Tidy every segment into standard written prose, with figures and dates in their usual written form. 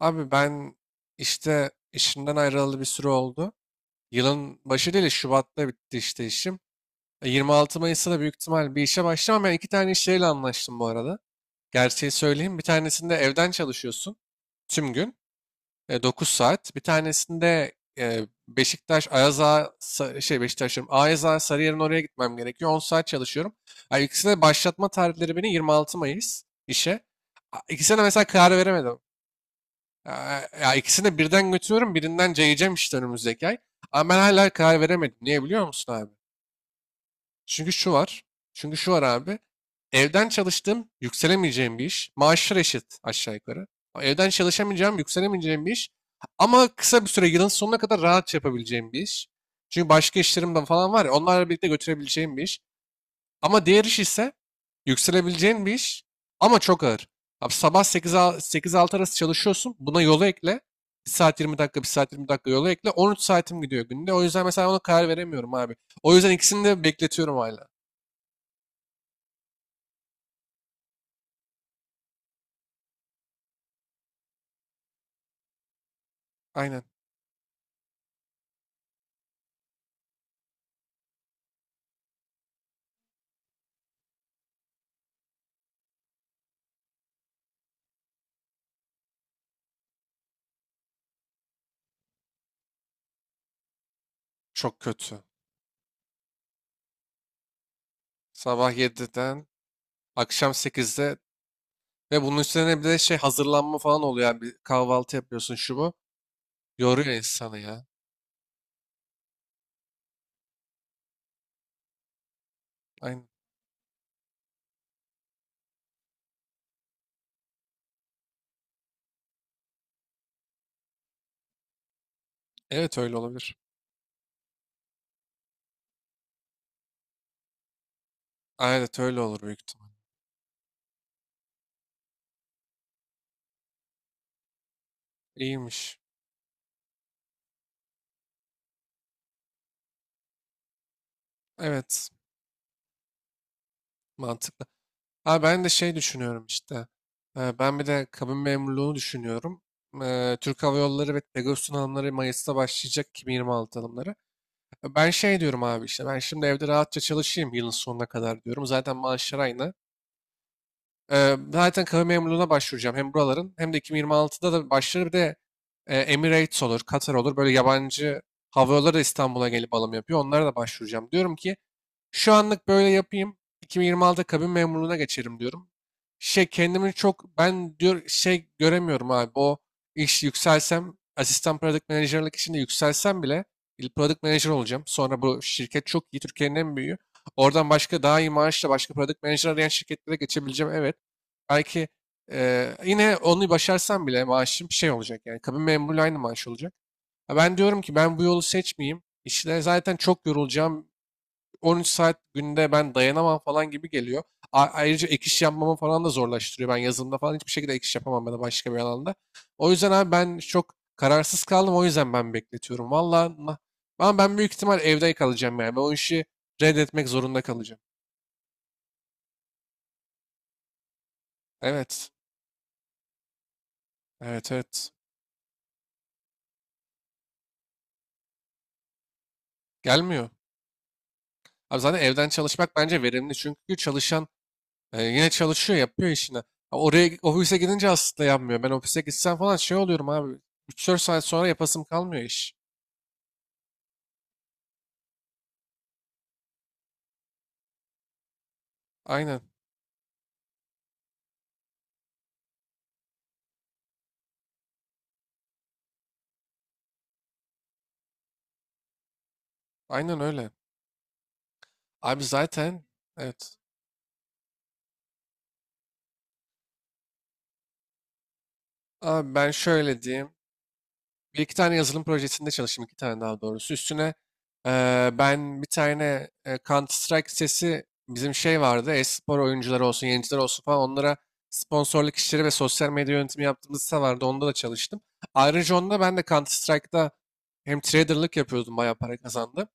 Abi ben işte işimden ayrılalı bir süre oldu. Yılın başı değil, Şubat'ta bitti işte işim. 26 Mayıs'ta da büyük ihtimal bir işe başlamam. Ben iki tane iş yeriyle anlaştım bu arada. Gerçeği söyleyeyim. Bir tanesinde evden çalışıyorsun tüm gün. 9 saat. Bir tanesinde e, Beşiktaş, Ayaz Ağa, şey Beşiktaş diyorum, Ayaz Ağa, Sarıyer'in oraya gitmem gerekiyor. 10 saat çalışıyorum. Yani ikisine başlatma tarihleri beni 26 Mayıs işe. İkisine de mesela karar veremedim. Ya, ya ikisini de birden götürüyorum. Birinden cayacağım işte önümüzdeki ay. Ama ben hala karar veremedim. Niye biliyor musun abi? Çünkü şu var. Çünkü şu var abi. Evden çalıştığım yükselemeyeceğim bir iş. Maaşlar eşit aşağı yukarı. Evden çalışamayacağım, yükselemeyeceğim bir iş. Ama kısa bir süre yılın sonuna kadar rahat yapabileceğim bir iş. Çünkü başka işlerim de falan var ya onlarla birlikte götürebileceğim bir iş. Ama diğer iş ise yükselebileceğin bir iş ama çok ağır. Abi sabah 8-6 arası çalışıyorsun. Buna yolu ekle. Bir saat 20 dakika, bir saat 20 dakika yolu ekle. 13 saatim gidiyor günde. O yüzden mesela ona karar veremiyorum abi. O yüzden ikisini de bekletiyorum hala. Aynen. Çok kötü. Sabah yediden, akşam sekizde ve bunun üstüne bir de şey hazırlanma falan oluyor. Yani kahvaltı yapıyorsun şu bu. Yoruyor insanı ya. Aynen. Evet öyle olabilir. Evet öyle olur büyük ihtimal. İyiymiş. Evet. Mantıklı. Ha ben de şey düşünüyorum işte. Ben bir de kabin memurluğunu düşünüyorum. Türk Hava Yolları ve Pegasus'un alımları Mayıs'ta başlayacak 2026 alımları. Ben şey diyorum abi işte ben şimdi evde rahatça çalışayım yılın sonuna kadar diyorum. Zaten maaşlar aynı. Zaten kabin memurluğuna başvuracağım hem buraların hem de 2026'da da başlar bir de Emirates olur, Katar olur. Böyle yabancı hava yolları da İstanbul'a gelip alım yapıyor. Onlara da başvuracağım. Diyorum ki şu anlık böyle yapayım. 2026'da kabin memurluğuna geçerim diyorum. Şey kendimi çok ben diyor şey göremiyorum abi. O iş yükselsem asistan product manager'lık içinde yükselsem bile product manager olacağım. Sonra bu şirket çok iyi. Türkiye'nin en büyüğü. Oradan başka daha iyi maaşla başka product manager arayan şirketlere geçebileceğim. Evet. Belki yine onu başarsam bile maaşım şey olacak. Yani kabin memurluğu aynı maaş olacak. Ha, ben diyorum ki ben bu yolu seçmeyeyim. İşte zaten çok yorulacağım. 13 saat günde ben dayanamam falan gibi geliyor. Ayrıca ek iş yapmamı falan da zorlaştırıyor. Ben yazılımda falan hiçbir şekilde ek iş yapamam ben da başka bir alanda. O yüzden abi ben çok kararsız kaldım. O yüzden ben bekletiyorum. Valla ama ben büyük ihtimal evde kalacağım yani. Ben o işi reddetmek zorunda kalacağım. Evet. Evet, evet. Gelmiyor. Abi zaten evden çalışmak bence verimli. Çünkü çalışan yine çalışıyor, yapıyor işini. Ha, oraya ofise gidince aslında yapmıyor. Ben ofise gitsem falan şey oluyorum abi. 3-4 saat sonra yapasım kalmıyor iş. Aynen. Aynen öyle. Abi zaten evet. Abi ben şöyle diyeyim. Bir iki tane yazılım projesinde çalıştım. İki tane daha doğrusu. Üstüne ben bir tane Counter Strike sitesi bizim şey vardı. E-spor oyuncuları olsun, yayıncılar olsun falan onlara sponsorluk işleri ve sosyal medya yönetimi yaptığımız site vardı. Onda da çalıştım. Ayrıca onda ben de Counter Strike'da hem traderlık yapıyordum. Bayağı para kazandım.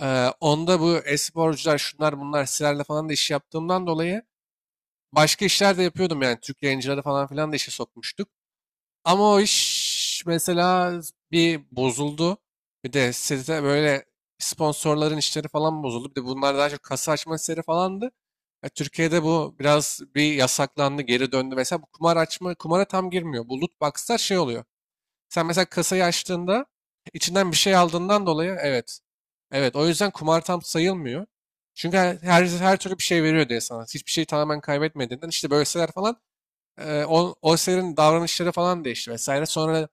Onda bu e-sporcular şunlar bunlar sitelerle falan da iş yaptığımdan dolayı başka işler de yapıyordum yani. Türk yayıncıları falan filan da işe sokmuştuk. Ama o iş mesela bir bozuldu. Bir de site böyle sponsorların işleri falan bozuldu. Bir de bunlar daha çok kasa açma işleri falandı. Ya Türkiye'de bu biraz bir yasaklandı, geri döndü. Mesela bu kumar açma, kumara tam girmiyor. Bu loot box'lar şey oluyor. Sen mesela kasayı açtığında içinden bir şey aldığından dolayı evet. Evet o yüzden kumar tam sayılmıyor. Çünkü her türlü bir şey veriyor diye sana. Hiçbir şeyi tamamen kaybetmediğinden işte böyle siteler falan o sitelerin davranışları falan değişti vesaire. Sonra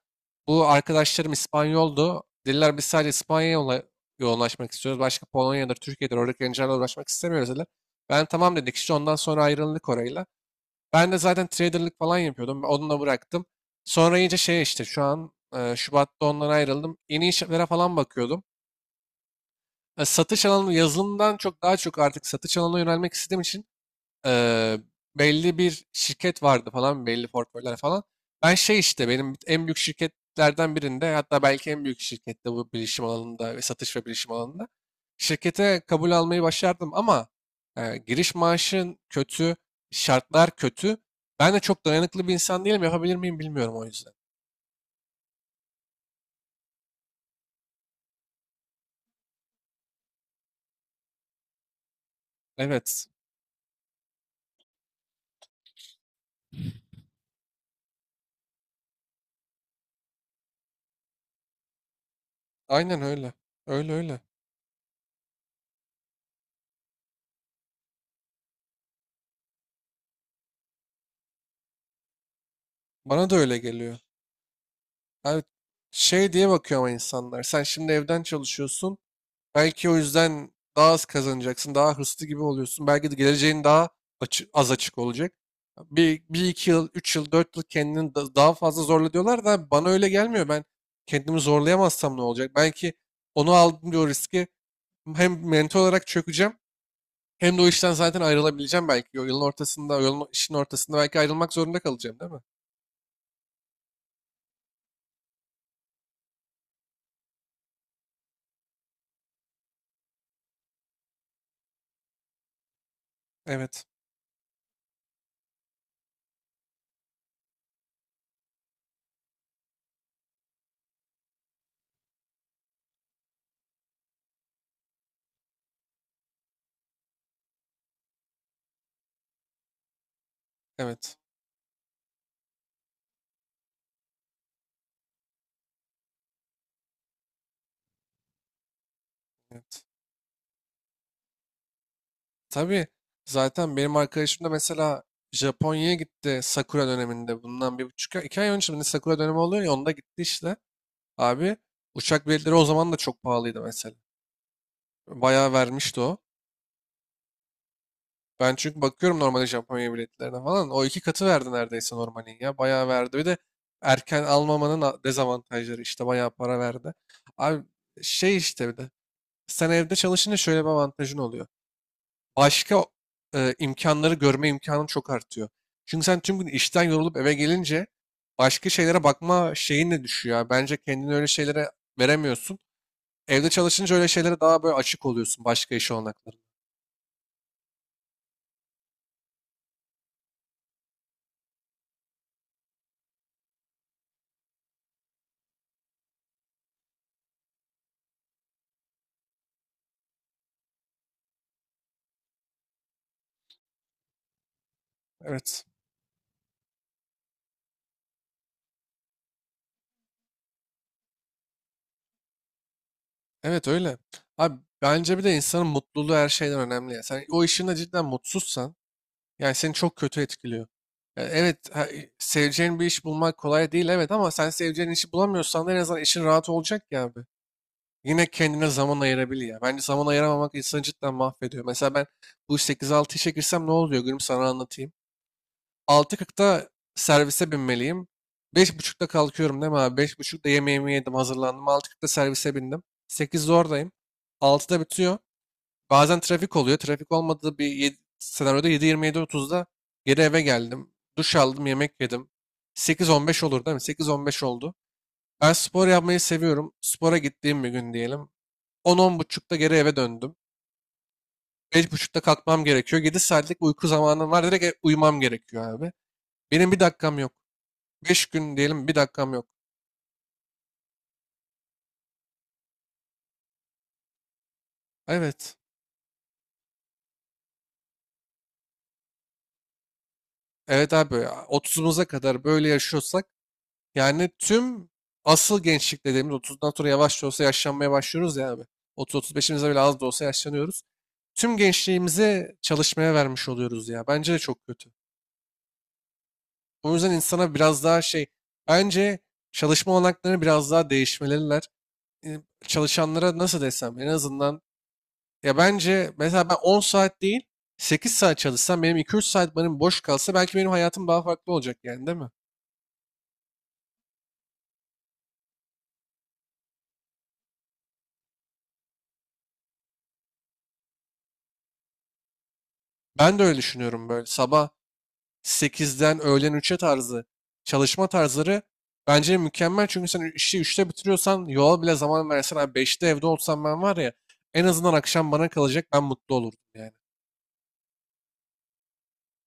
bu arkadaşlarım İspanyoldu. Dediler biz sadece İspanya'ya yoğunlaşmak istiyoruz. Başka Polonya'dır, Türkiye'dir oradaki gençlerle uğraşmak istemiyoruz dediler. Ben tamam dedik işte ondan sonra ayrıldık orayla. Ben de zaten traderlık falan yapıyordum. Onu da bıraktım. Sonra iyice şey işte şu an Şubat'ta ondan ayrıldım. Yeni işlere falan bakıyordum. Satış alanı yazılımdan çok daha çok artık satış alanına yönelmek istediğim için Eee, belli bir şirket vardı falan belli portföyler falan. Ben şey işte benim en büyük şirketlerden birinde hatta belki en büyük şirkette bu bilişim alanında ve satış ve bilişim alanında şirkete kabul almayı başardım ama giriş maaşın kötü, şartlar kötü. Ben de çok dayanıklı bir insan değilim. Yapabilir miyim bilmiyorum o yüzden. Evet. Aynen öyle. Öyle öyle. Bana da öyle geliyor. Abi şey diye bakıyor ama insanlar. Sen şimdi evden çalışıyorsun. Belki o yüzden daha az kazanacaksın, daha hırslı gibi oluyorsun. Belki de geleceğin daha az açık olacak. Bir iki yıl, üç yıl, dört yıl kendini daha fazla zorla diyorlar da bana öyle gelmiyor. Ben kendimi zorlayamazsam ne olacak? Belki onu aldım diyor riski. Hem mental olarak çökeceğim hem de o işten zaten ayrılabileceğim belki. O yılın ortasında, o yolun, işin ortasında belki ayrılmak zorunda kalacağım değil mi? Evet, evet, evet. Tabii zaten benim arkadaşım da mesela Japonya'ya gitti Sakura döneminde. Bundan 1,5 ay, 2 ay önce şimdi Sakura dönemi oluyor ya onda gitti işte. Abi uçak biletleri o zaman da çok pahalıydı mesela. Bayağı vermişti o. Ben çünkü bakıyorum normalde Japonya biletlerine falan. O iki katı verdi neredeyse normalin ya. Bayağı verdi. Bir de erken almamanın dezavantajları işte bayağı para verdi. Abi şey işte bir de sen evde çalışınca şöyle bir avantajın oluyor. Başka imkanları görme imkanın çok artıyor. Çünkü sen tüm gün işten yorulup eve gelince başka şeylere bakma şeyin de düşüyor ya. Bence kendini öyle şeylere veremiyorsun. Evde çalışınca öyle şeylere daha böyle açık oluyorsun başka iş olanaklarına. Evet. Evet öyle. Abi bence bir de insanın mutluluğu her şeyden önemli ya. Sen o işinde cidden mutsuzsan yani seni çok kötü etkiliyor. Ya evet, ha, seveceğin bir iş bulmak kolay değil evet ama sen seveceğin işi bulamıyorsan da en azından işin rahat olacak ya abi. Yine kendine zaman ayırabilir ya. Bence zaman ayıramamak insanı cidden mahvediyor. Mesela ben bu 8-6 işe girsem ne oluyor gülüm sana anlatayım. 6.40'da servise binmeliyim. 5.30'da kalkıyorum değil mi abi? 5.30'da yemeğimi yedim hazırlandım. 6.40'da servise bindim. 8'de oradayım. 6'da bitiyor. Bazen trafik oluyor. Trafik olmadığı bir senaryoda 7.27-30'da geri eve geldim. Duş aldım, yemek yedim. 8.15 olur değil mi? 8.15 oldu. Ben spor yapmayı seviyorum. Spora gittiğim bir gün diyelim. 10 buçukta geri eve döndüm. Beş buçukta kalkmam gerekiyor. 7 saatlik uyku zamanım var. Direkt uyumam gerekiyor abi. Benim bir dakikam yok. 5 gün diyelim bir dakikam yok. Evet. Evet abi ya. 30'umuza kadar böyle yaşıyorsak yani tüm asıl gençlik dediğimiz 30'dan sonra yavaş da olsa yaşlanmaya başlıyoruz ya abi. 30-35'imize bile az da olsa yaşlanıyoruz. Tüm gençliğimizi çalışmaya vermiş oluyoruz ya. Bence de çok kötü. O yüzden insana biraz daha şey bence çalışma olanakları biraz daha değişmeliler. e, Çalışanlara nasıl desem en azından ya bence mesela ben 10 saat değil 8 saat çalışsam benim 2-3 saat benim boş kalsa belki benim hayatım daha farklı olacak yani değil mi? Ben de öyle düşünüyorum böyle sabah 8'den öğlen 3'e tarzı çalışma tarzları bence mükemmel. Çünkü sen işi üçte bitiriyorsan yola bile zaman versen abi 5'te evde olsam ben var ya en azından akşam bana kalacak ben mutlu olurdum yani.